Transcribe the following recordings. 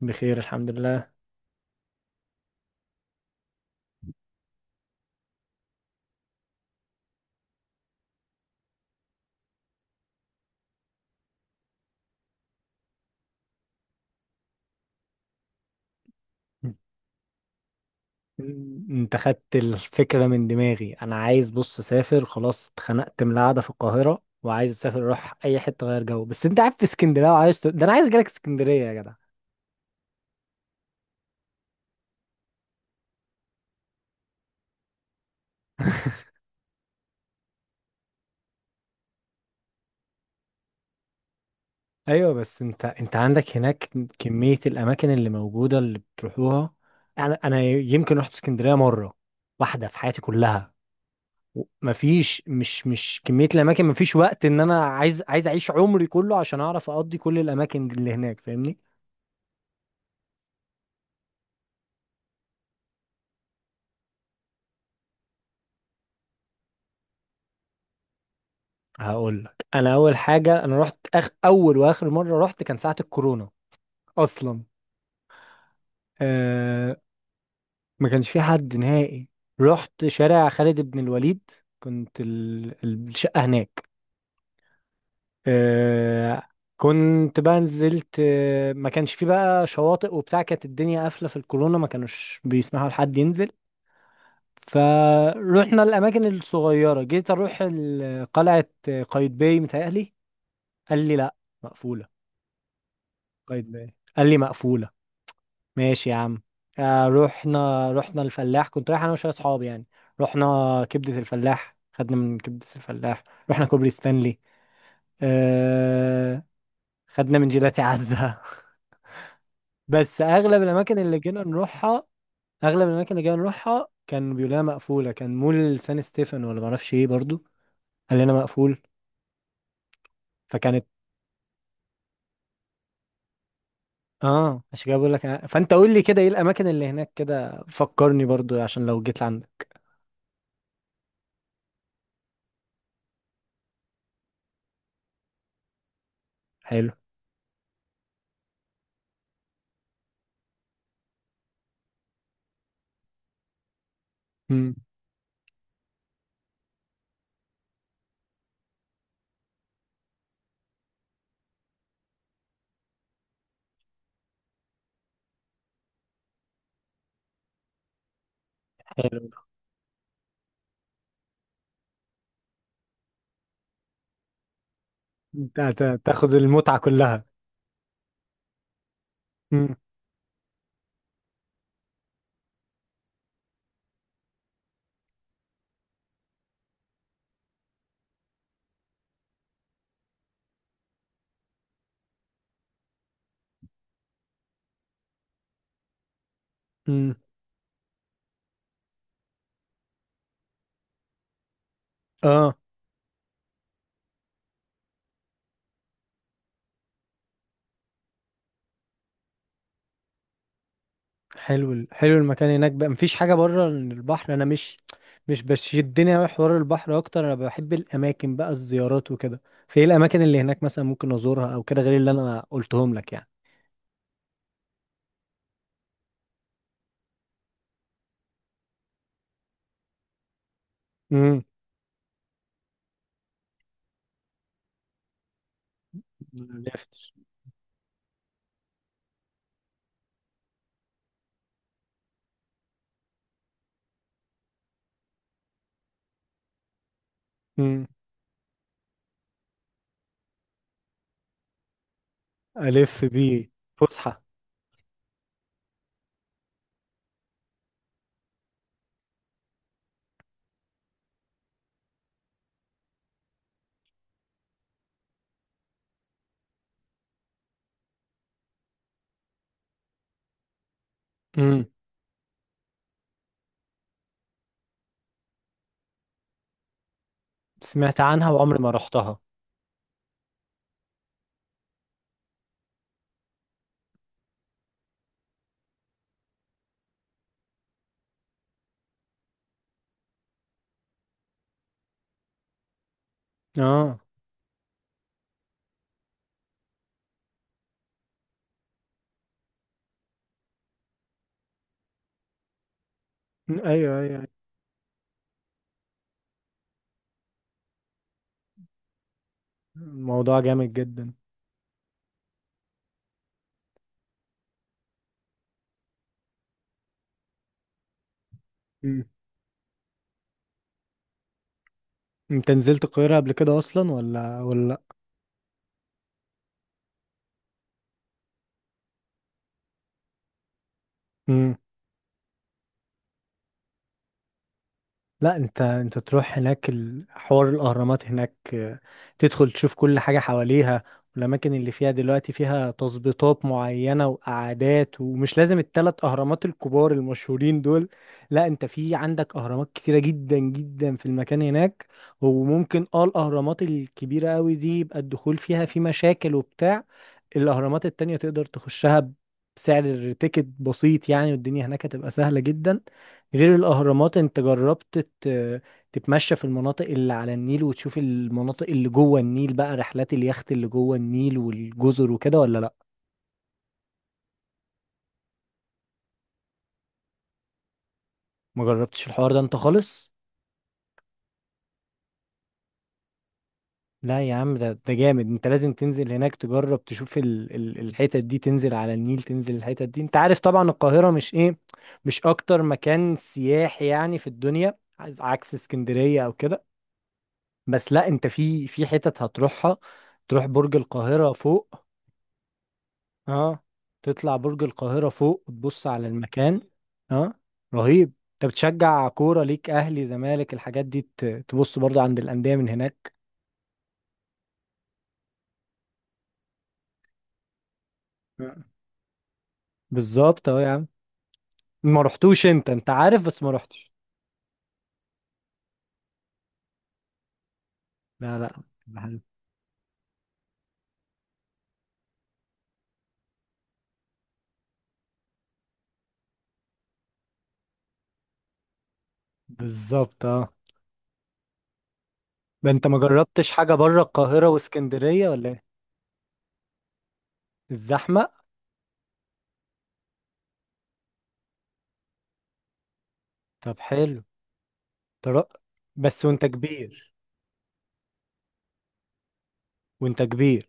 بخير، الحمد لله. انت خدت الفكرة من دماغي، انا عايز، بص اسافر، خلاص اتخنقت من القعدة في القاهرة وعايز اسافر اروح اي حتة غير جو. بس انت قاعد في اسكندرية وعايز ده انا عايز اجيلك اسكندرية يا جدع. ايوه، بس انت عندك هناك كمية الاماكن اللي موجودة اللي بتروحوها. انا يمكن رحت اسكندرية مرة واحدة في حياتي كلها. مفيش، مش كمية الاماكن، مفيش وقت ان انا عايز اعيش عمري كله عشان اعرف اقضي كل الاماكن اللي هناك، فاهمني؟ هقول لك، انا اول حاجه انا رحت اول واخر مره رحت كان ساعه الكورونا اصلا. آه... ما كانش في حد نهائي. رحت شارع خالد بن الوليد، كنت الشقه هناك. آه... كنت بقى نزلت، ما كانش في بقى شواطئ وبتاع، كانت الدنيا قافله في الكورونا ما كانوش بيسمحوا لحد ينزل. فروحنا الاماكن الصغيره، جيت اروح قلعه قايتباي متهيألي، قال لي لا مقفوله. قايتباي قال لي مقفوله. ماشي يا عم. رحنا الفلاح، كنت رايح انا وشويه اصحابي يعني. رحنا كبده الفلاح، خدنا من كبده الفلاح، رحنا كوبري ستانلي، آه خدنا من جيلاتي عزة. بس اغلب الاماكن اللي جينا نروحها كان بيقول لنا مقفوله، كان مول سان ستيفن ولا معرفش ايه برضو، قال لنا مقفول. فكانت. اه، عشان كده بقول لك فانت قول لي كده ايه الاماكن اللي هناك، كده فكرني برضو عشان لو جيت لعندك. حلو. مم. انت تاخد المتعة كلها. مم. مم. اه، حلو، حلو المكان هناك بقى. مفيش حاجة بره البحر، انا مش بشدني اوي حوار البحر اكتر، انا بحب الاماكن بقى الزيارات وكده. في ايه الاماكن اللي هناك مثلا ممكن ازورها او كده غير اللي انا قلتهم لك يعني؟ امم. لفت. امم. الف بيه. فسحة. امم. سمعت عنها وعمري ما رحتها. اه. مم. ايوه، ايوه، أيوة. الموضوع جامد جدا. مم. انت نزلت القاهرة قبل كده اصلا، ولا؟ لا لا، انت تروح هناك حوار الاهرامات هناك. تدخل تشوف كل حاجه حواليها. والاماكن اللي فيها دلوقتي فيها تظبيطات معينه وقعدات، ومش لازم الثلاث اهرامات الكبار المشهورين دول. لا، انت في عندك اهرامات كتيره جدا جدا في المكان هناك. وممكن الاهرامات الكبيره قوي دي يبقى الدخول فيها في مشاكل وبتاع. الاهرامات التانية تقدر تخشها بسعر تيكت بسيط يعني، والدنيا هناك هتبقى سهله جدا. غير الأهرامات، أنت جربت تتمشى في المناطق اللي على النيل وتشوف المناطق اللي جوه النيل، بقى رحلات اليخت اللي جوه النيل والجزر وكده، ولا لأ؟ ما جربتش الحوار ده أنت خالص؟ لا يا عم، ده جامد، أنت لازم تنزل هناك تجرب تشوف ال الحتت دي، تنزل على النيل تنزل الحتت دي، أنت عارف طبعا القاهرة مش إيه، مش أكتر مكان سياحي يعني في الدنيا، عكس اسكندرية أو كده. بس لا، أنت في حتت هتروحها. تروح برج القاهرة فوق. اه. تطلع برج القاهرة فوق وتبص على المكان. اه. رهيب. انت بتشجع كورة، ليك اهلي زمالك الحاجات دي، تبص برضو عند الأندية من هناك. آه. بالظبط، اه يا عم. ما رحتوش؟ انت عارف بس ما رحتش. لا، لا. بحب. بالظبط، اه. ده انت ما جربتش حاجة بره القاهرة واسكندرية ولا ايه؟ الزحمة. طب حلو. ترى. بس وانت كبير. وانت كبير.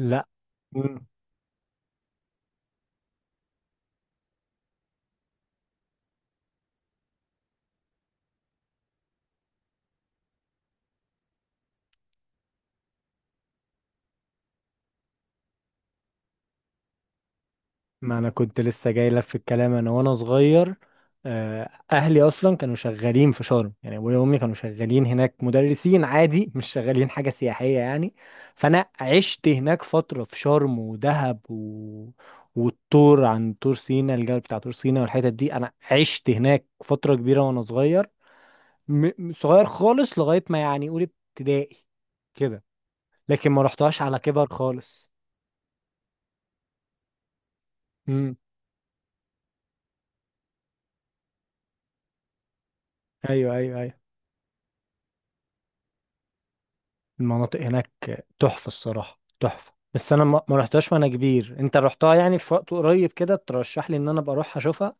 لا. ما انا كنت لسه جاي لك في الكلام، انا وانا صغير. اهلي اصلا كانوا شغالين في شرم، يعني ابويا وامي كانوا شغالين هناك مدرسين عادي، مش شغالين حاجه سياحيه يعني. فانا عشت هناك فتره في شرم ودهب والطور، عن طور سينا الجبل بتاع طور سينا والحتت دي، انا عشت هناك فتره كبيره وانا صغير. صغير خالص لغايه ما يعني اولى ابتدائي كده. لكن ما رحتهاش على كبر خالص. امم. ايوه، ايوه، ايوه. المناطق هناك تحفة، الصراحة تحفة، بس انا ما رحتهاش وانا كبير. انت رحتها يعني في وقت قريب كده، ترشح لي ان انا ابقى اروح اشوفها؟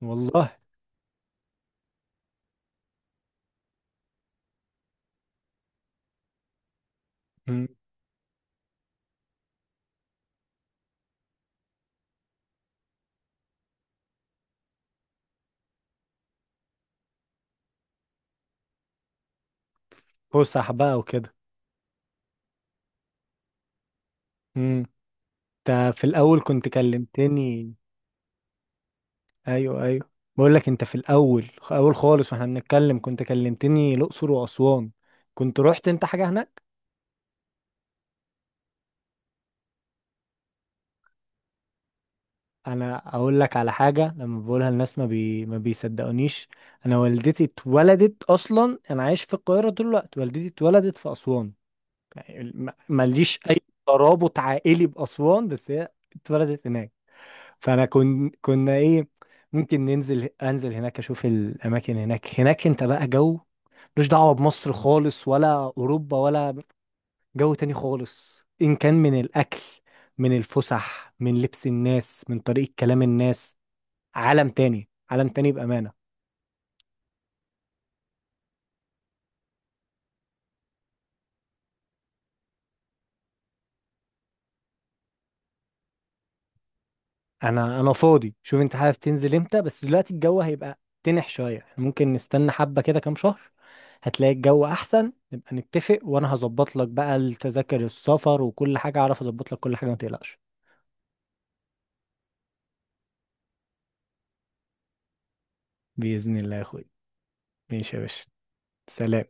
والله. مم. فسح بقى وكده. مم. انت في الاول كنت كلمتني. ايوه، ايوه. بقول لك، انت في الاول اول خالص واحنا بنتكلم كنت كلمتني الاقصر واسوان، كنت رحت انت حاجة هناك؟ انا اقول لك على حاجة، لما بقولها الناس ما بيصدقونيش. انا والدتي اتولدت اصلا، انا عايش في القاهرة طول الوقت، والدتي اتولدت في اسوان. يعني ماليش اي ترابط عائلي باسوان، بس هي اتولدت هناك. فانا كنا ايه، ممكن انزل هناك اشوف الاماكن هناك انت بقى جو ملوش دعوه بمصر خالص، ولا اوروبا ولا، جو تاني خالص، ان كان من الاكل، من الفسح، من لبس الناس، من طريقه كلام الناس. عالم تاني، عالم تاني بامانه. انا فاضي، شوف انت حابب تنزل امتى، بس دلوقتي الجو هيبقى تنح شويه، احنا ممكن نستنى حبه كده كام شهر، هتلاقي الجو احسن، نبقى نتفق وانا هظبط لك بقى التذاكر السفر وكل حاجه، اعرف اظبط لك كل حاجه ما تقلقش. باذن الله يا اخوي. ماشي يا باشا. سلام.